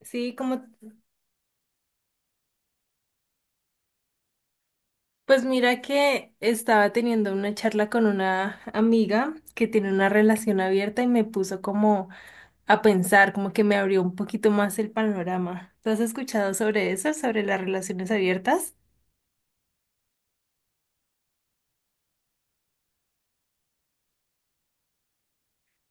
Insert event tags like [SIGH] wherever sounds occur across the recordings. Sí, como, pues mira que estaba teniendo una charla con una amiga que tiene una relación abierta y me puso como a pensar, como que me abrió un poquito más el panorama. ¿Tú has escuchado sobre eso, sobre las relaciones abiertas?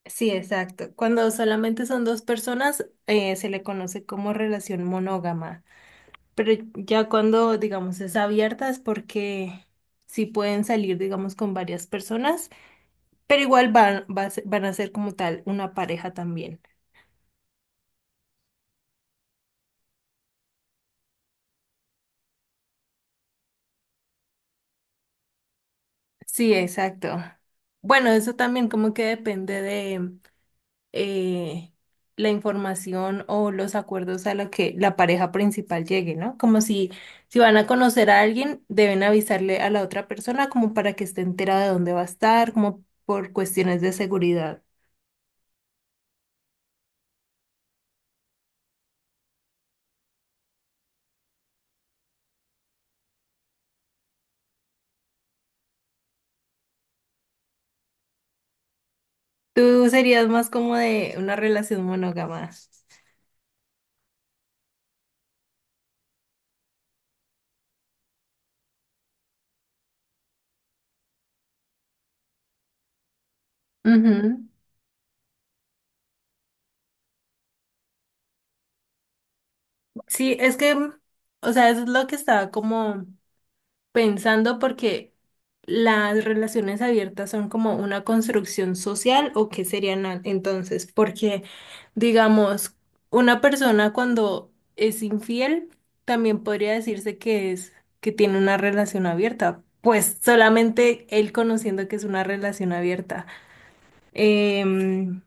Sí, exacto. Cuando solamente son dos personas, se le conoce como relación monógama. Pero ya cuando, digamos, es abierta es porque sí pueden salir, digamos, con varias personas. Pero igual van a ser como tal una pareja también. Sí, exacto. Bueno, eso también como que depende de eh, la información o los acuerdos a los que la pareja principal llegue, ¿no? Como si van a conocer a alguien, deben avisarle a la otra persona como para que esté enterada de dónde va a estar, como por cuestiones de seguridad. Tú serías más como de una relación monógama. Ujú. Sí, es que, o sea, eso es lo que estaba como pensando porque las relaciones abiertas son como una construcción social o qué serían entonces, porque digamos, una persona cuando es infiel también podría decirse que es que tiene una relación abierta, pues solamente él conociendo que es una relación abierta. Em,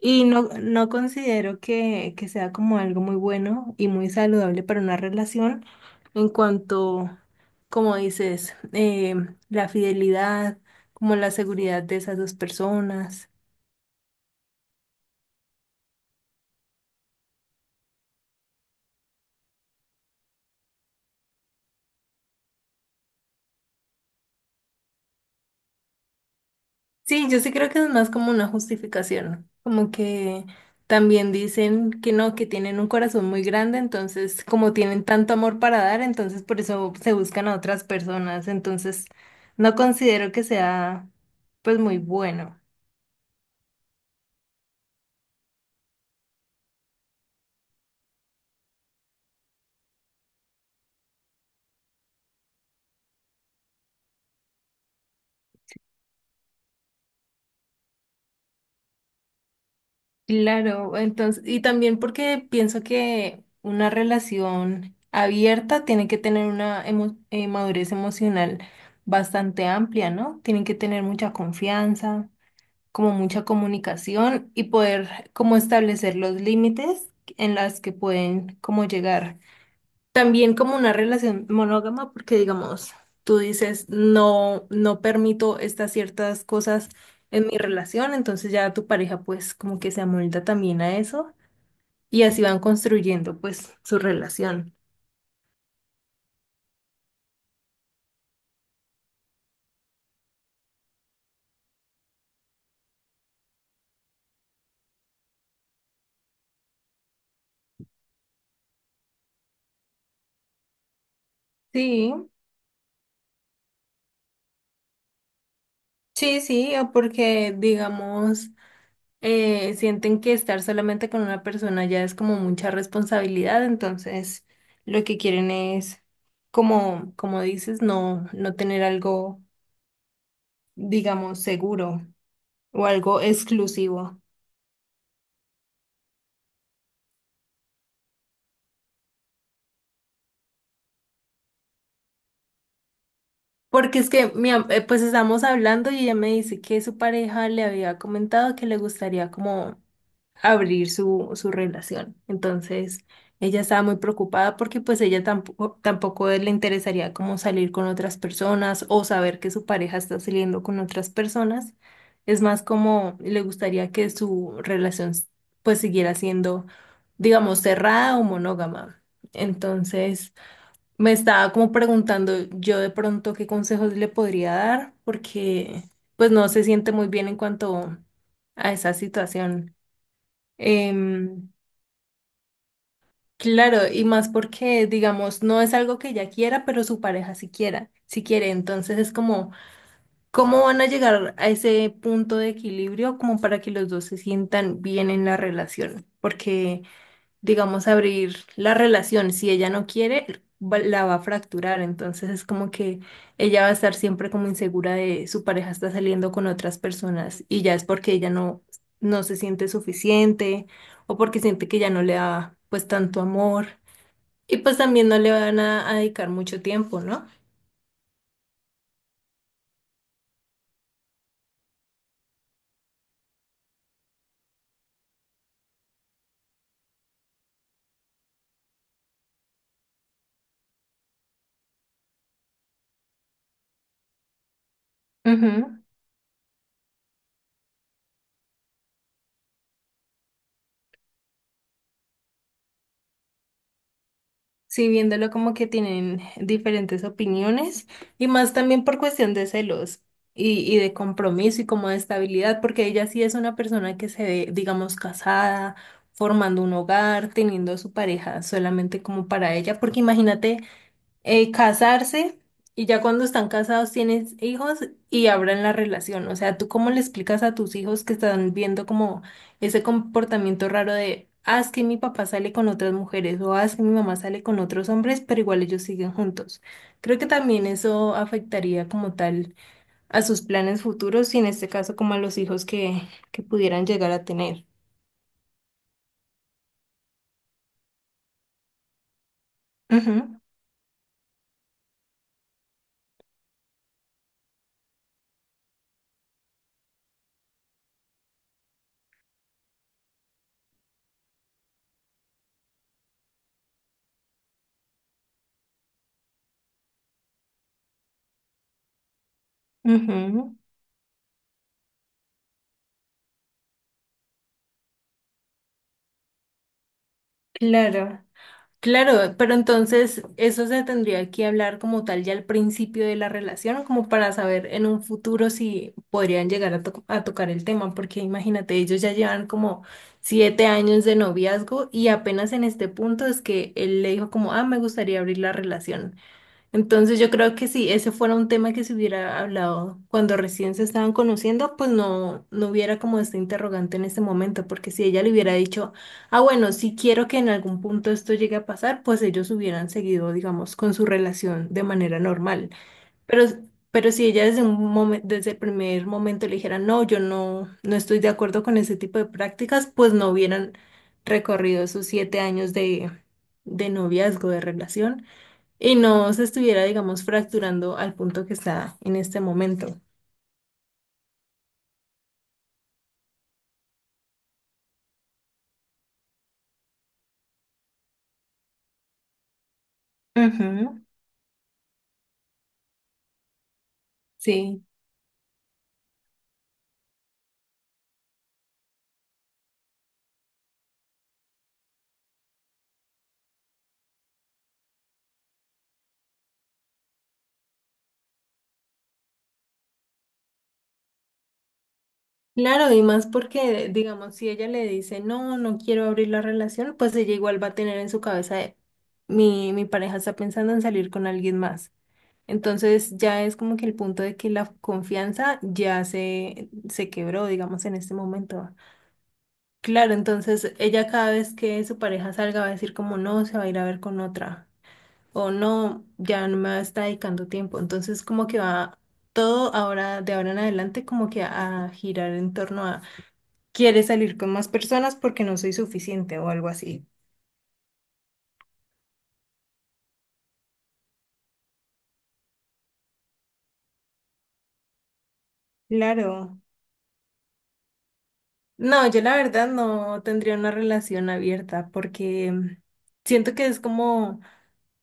y no, no considero que sea como algo muy bueno y muy saludable para una relación en cuanto, como dices, la fidelidad, como la seguridad de esas dos personas. Sí, yo sí creo que es más como una justificación, como que también dicen que no, que tienen un corazón muy grande, entonces como tienen tanto amor para dar, entonces por eso se buscan a otras personas, entonces no considero que sea pues muy bueno. Claro, entonces, y también porque pienso que una relación abierta tiene que tener una madurez emocional bastante amplia, ¿no? Tienen que tener mucha confianza, como mucha comunicación y poder como establecer los límites en las que pueden como llegar. También como una relación monógama, porque digamos, tú dices, no, no permito estas ciertas cosas en mi relación, entonces ya tu pareja pues como que se amolda también a eso y así van construyendo pues su relación. Sí, sí, sí, o porque digamos, sienten que estar solamente con una persona ya es como mucha responsabilidad, entonces lo que quieren es, como dices, no, no tener algo, digamos, seguro. O algo exclusivo. Porque es que, pues estamos hablando y ella me dice que su pareja le había comentado que le gustaría como abrir su relación. Entonces, ella estaba muy preocupada porque pues ella tampoco le interesaría como salir con otras personas o saber que su pareja está saliendo con otras personas. Es más como le gustaría que su relación pues siguiera siendo, digamos, cerrada o monógama. Entonces, me estaba como preguntando yo de pronto qué consejos le podría dar, porque pues no se siente muy bien en cuanto a esa situación. Em, claro, y más porque, digamos, no es algo que ella quiera, pero su pareja sí quiera, sí quiere. Entonces es como, ¿cómo van a llegar a ese punto de equilibrio como para que los dos se sientan bien en la relación? Porque digamos, abrir la relación. Si ella no quiere, la va a fracturar. Entonces es como que ella va a estar siempre como insegura de su pareja está saliendo con otras personas y ya es porque ella no, no se siente suficiente o porque siente que ya no le da pues tanto amor y pues también no le van a dedicar mucho tiempo, ¿no? Ujú. Sí, viéndolo como que tienen diferentes opiniones y más también por cuestión de celos y de compromiso y como de estabilidad, porque ella sí es una persona que se ve, digamos, casada, formando un hogar, teniendo a su pareja solamente como para ella, porque imagínate casarse y ya cuando están casados tienes hijos y abran la relación. O sea, ¿tú cómo le explicas a tus hijos que están viendo como ese comportamiento raro de, ah, es que mi papá sale con otras mujeres o ah, es que mi mamá sale con otros hombres, pero igual ellos siguen juntos? Creo que también eso afectaría como tal a sus planes futuros y en este caso como a los hijos que pudieran llegar a tener. Ujú, ujú, claro. Claro, pero entonces eso se tendría que hablar como tal ya al principio de la relación, como para saber en un futuro si podrían llegar a tocar el tema, porque imagínate, ellos ya llevan como 7 años de noviazgo y apenas en este punto es que él le dijo como, ah, me gustaría abrir la relación. Entonces yo creo que si ese fuera un tema que se hubiera hablado cuando recién se estaban conociendo, pues no, no hubiera como este interrogante en este momento, porque si ella le hubiera dicho, ah, bueno, si quiero que en algún punto esto llegue a pasar, pues ellos hubieran seguido, digamos, con su relación de manera normal. Pero, pero, si ella desde desde el primer momento le dijera, no, yo no, no estoy de acuerdo con ese tipo de prácticas, pues no hubieran recorrido esos 7 años de noviazgo, de relación y no se estuviera, digamos, fracturando al punto que está en este momento. Ujú. Sí. Claro, y más porque, digamos, si ella le dice, no, no quiero abrir la relación, pues ella igual va a tener en su cabeza, de, mi pareja está pensando en salir con alguien más. Entonces ya es como que el punto de que la confianza ya se quebró, digamos, en este momento. Claro, entonces ella cada vez que su pareja salga va a decir como, no, se va a ir a ver con otra. O no, ya no me está dedicando tiempo. Entonces como que va todo ahora, de ahora en adelante, como que a girar en torno a, ¿quieres salir con más personas porque no soy suficiente o algo así? Claro. No, yo la verdad no tendría una relación abierta porque siento que es como,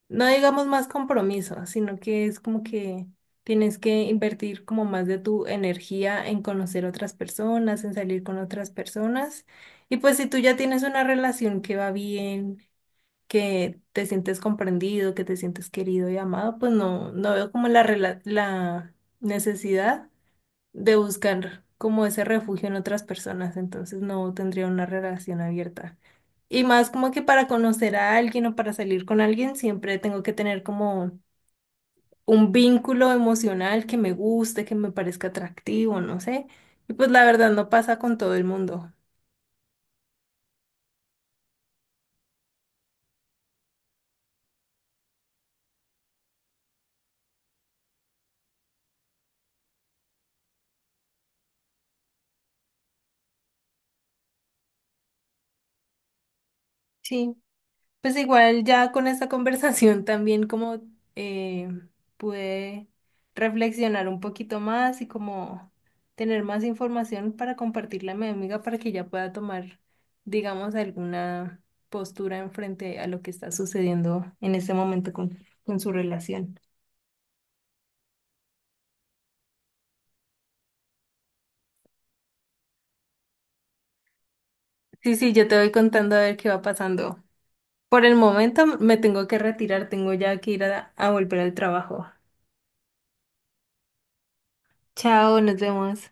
no digamos más compromiso, sino que es como que tienes que invertir como más de tu energía en conocer otras personas, en salir con otras personas. Y pues si tú ya tienes una relación que va bien, que te sientes comprendido, que te sientes querido y amado, pues no, no veo como la necesidad de buscar como ese refugio en otras personas, entonces no tendría una relación abierta. Y más como que para conocer a alguien o para salir con alguien, siempre tengo que tener como un vínculo emocional que me guste, que me parezca atractivo, no sé. Y pues la verdad no pasa con todo el mundo. Sí. Pues igual ya con esta [LAUGHS] conversación también como eh, pude reflexionar un poquito más y como tener más información para compartirla a mi amiga para que ella pueda tomar, digamos, alguna postura en frente a lo que está sucediendo en este momento con su relación. Sí, sí, yo te voy contando a ver qué va pasando. Por el momento me tengo que retirar, tengo ya que ir a volver al trabajo. Chao, nos vemos.